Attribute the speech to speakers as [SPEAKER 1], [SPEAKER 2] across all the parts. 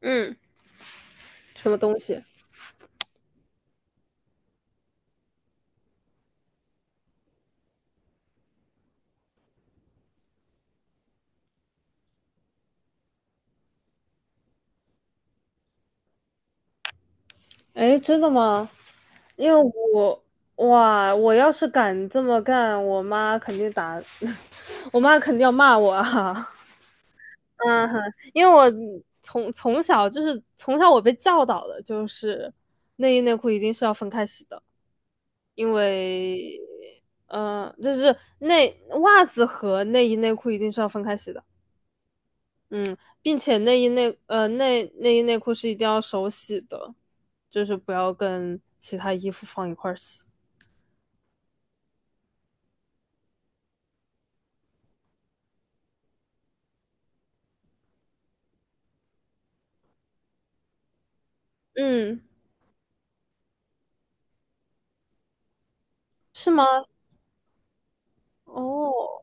[SPEAKER 1] 嗯，什么东西？哎，真的吗？因为我哇，我要是敢这么干，我妈肯定打，我妈肯定要骂我啊。嗯哼，因为我从小我被教导的就是内衣内裤一定是要分开洗的，因为就是内袜子和内衣内裤一定是要分开洗的，嗯，并且内衣内裤是一定要手洗的，就是不要跟其他衣服放一块儿洗。嗯，是吗？哦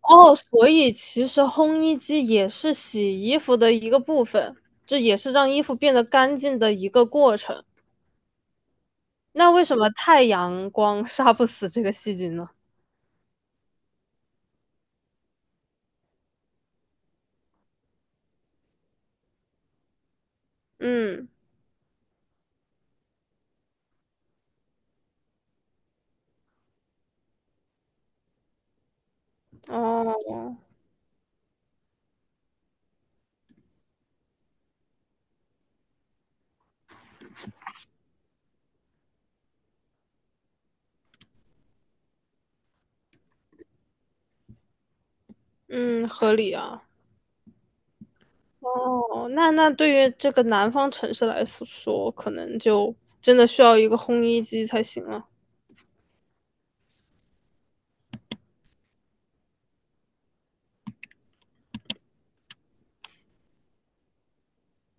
[SPEAKER 1] 哦，所以其实烘衣机也是洗衣服的一个部分，这也是让衣服变得干净的一个过程。那为什么太阳光 杀不死这个细菌呢？嗯，哦，嗯，合理啊。哦，那对于这个南方城市来说，可能就真的需要一个烘衣机才行了。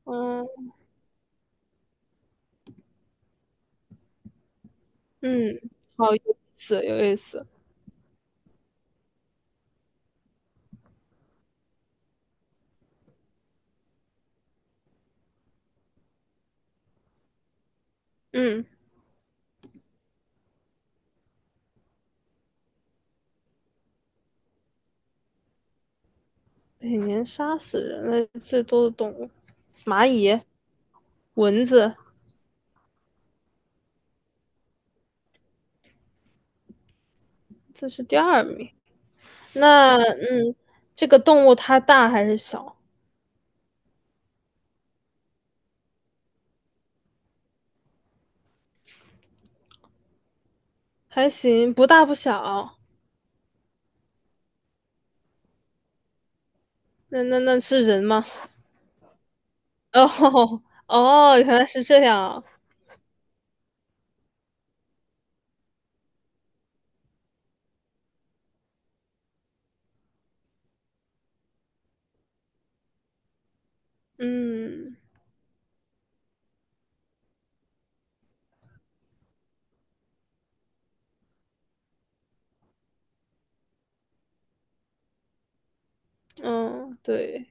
[SPEAKER 1] 嗯嗯，好有意思，有意思。嗯，每年杀死人类最多的动物，蚂蚁、蚊子，这是第二名。那这个动物它大还是小？还行，不大不小。那那是人吗？哦哦，原来是这样啊。嗯嗯，对，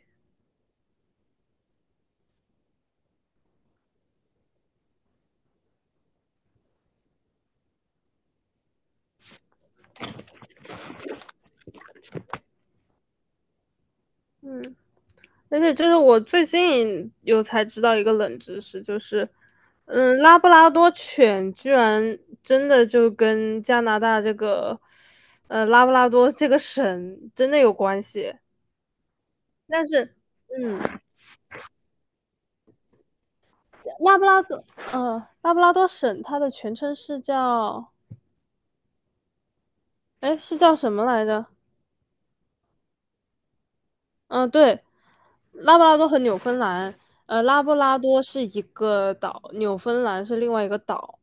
[SPEAKER 1] 嗯，而且就是我最近有才知道一个冷知识，就是，嗯，拉布拉多犬居然真的就跟加拿大这个，拉布拉多这个省真的有关系。但是，嗯，拉布拉多，拉布拉多省它的全称是叫，哎，是叫什么来着？嗯、对，拉布拉多和纽芬兰，拉布拉多是一个岛，纽芬兰是另外一个岛。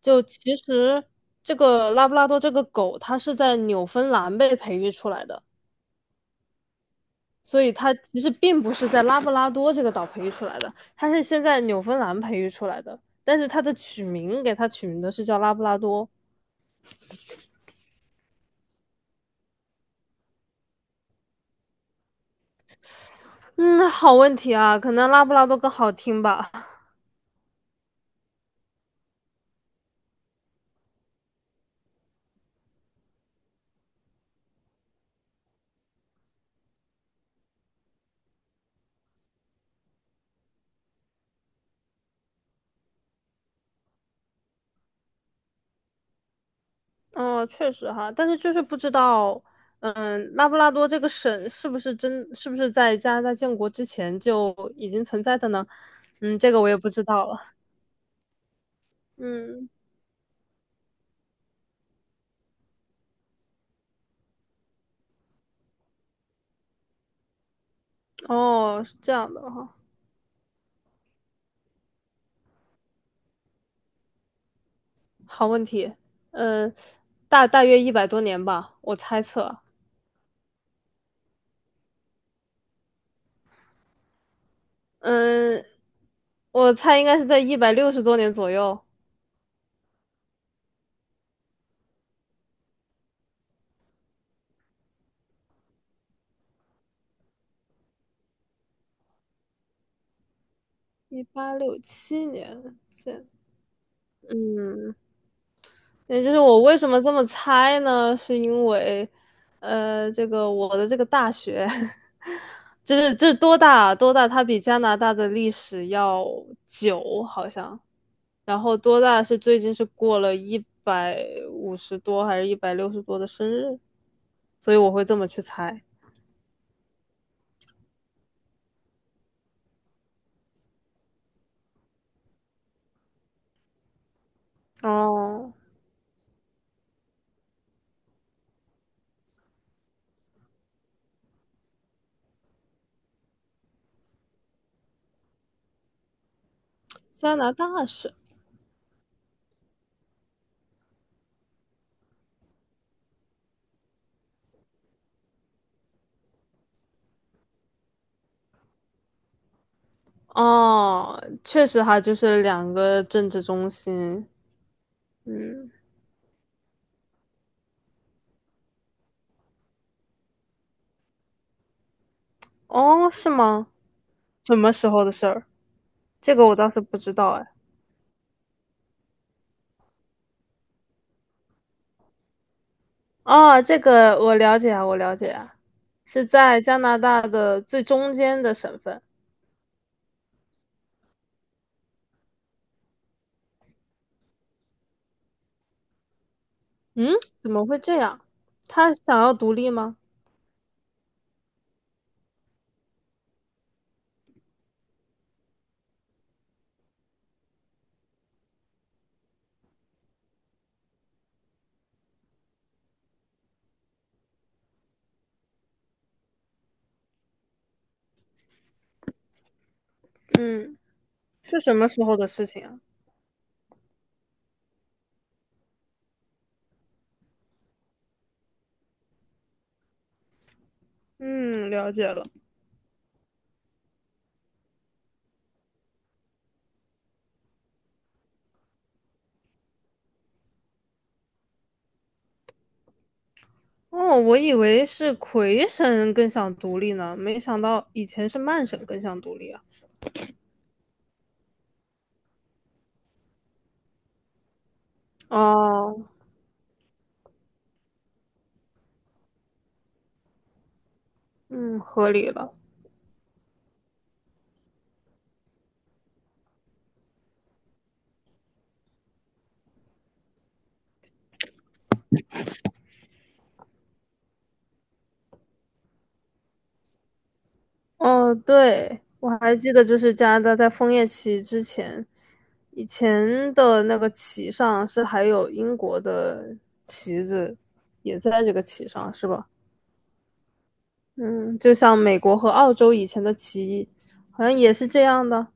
[SPEAKER 1] 就其实这个拉布拉多这个狗，它是在纽芬兰被培育出来的，所以它其实并不是在拉布拉多这个岛培育出来的，它是先在纽芬兰培育出来的。但是它的取名给它取名的是叫拉布拉多。嗯，好问题啊，可能拉布拉多更好听吧。哦，确实哈，但是就是不知道，嗯，拉布拉多这个省是不是在加拿大建国之前就已经存在的呢？嗯，这个我也不知道了。嗯，哦，是这样的哈，好问题。嗯，大约100多年吧，我猜测。嗯，我猜应该是在160多年左右，1867年建。嗯，也就是我为什么这么猜呢？是因为，这个我的这个大学，就是这多大啊多大，它比加拿大的历史要久，好像。然后多大是最近是过了150多还是一百六十多的生日，所以我会这么去猜。哦，加拿大是哦，确实哈，就是两个政治中心。嗯，哦，是吗？什么时候的事儿？这个我倒是不知道哎。哦，这个我了解啊，我了解啊，是在加拿大的最中间的省份。嗯，怎么会这样？他想要独立吗？嗯，是什么时候的事情啊？嗯，了解了。哦，我以为是魁省更想独立呢，没想到以前是曼省更想独立啊。哦，嗯，合理了。哦，对，我还记得，就是加拿大在枫叶旗之前，以前的那个旗上是还有英国的旗子，也在这个旗上，是吧？嗯，就像美国和澳洲以前的旗，好像也是这样的。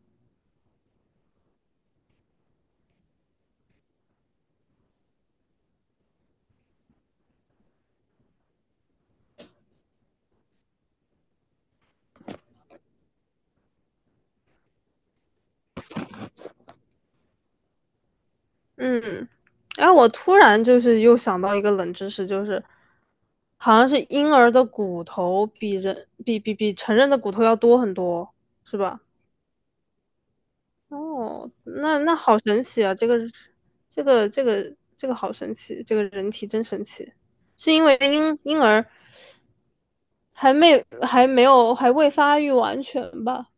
[SPEAKER 1] 嗯，哎，我突然就是又想到一个冷知识，就是好像是婴儿的骨头比人比比比成人的骨头要多很多，是吧？哦，那好神奇啊！这个好神奇，这个人体真神奇。是因为婴儿还没还没有还未发育完全吧？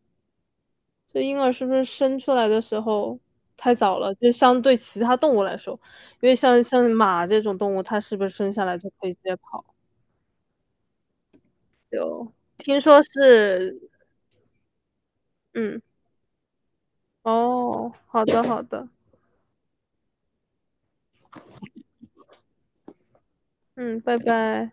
[SPEAKER 1] 这婴儿是不是生出来的时候太早了？就相对其他动物来说，因为像马这种动物，它是不是生下来就可以直接跑？听说是，嗯，哦，好的好的，嗯，拜拜。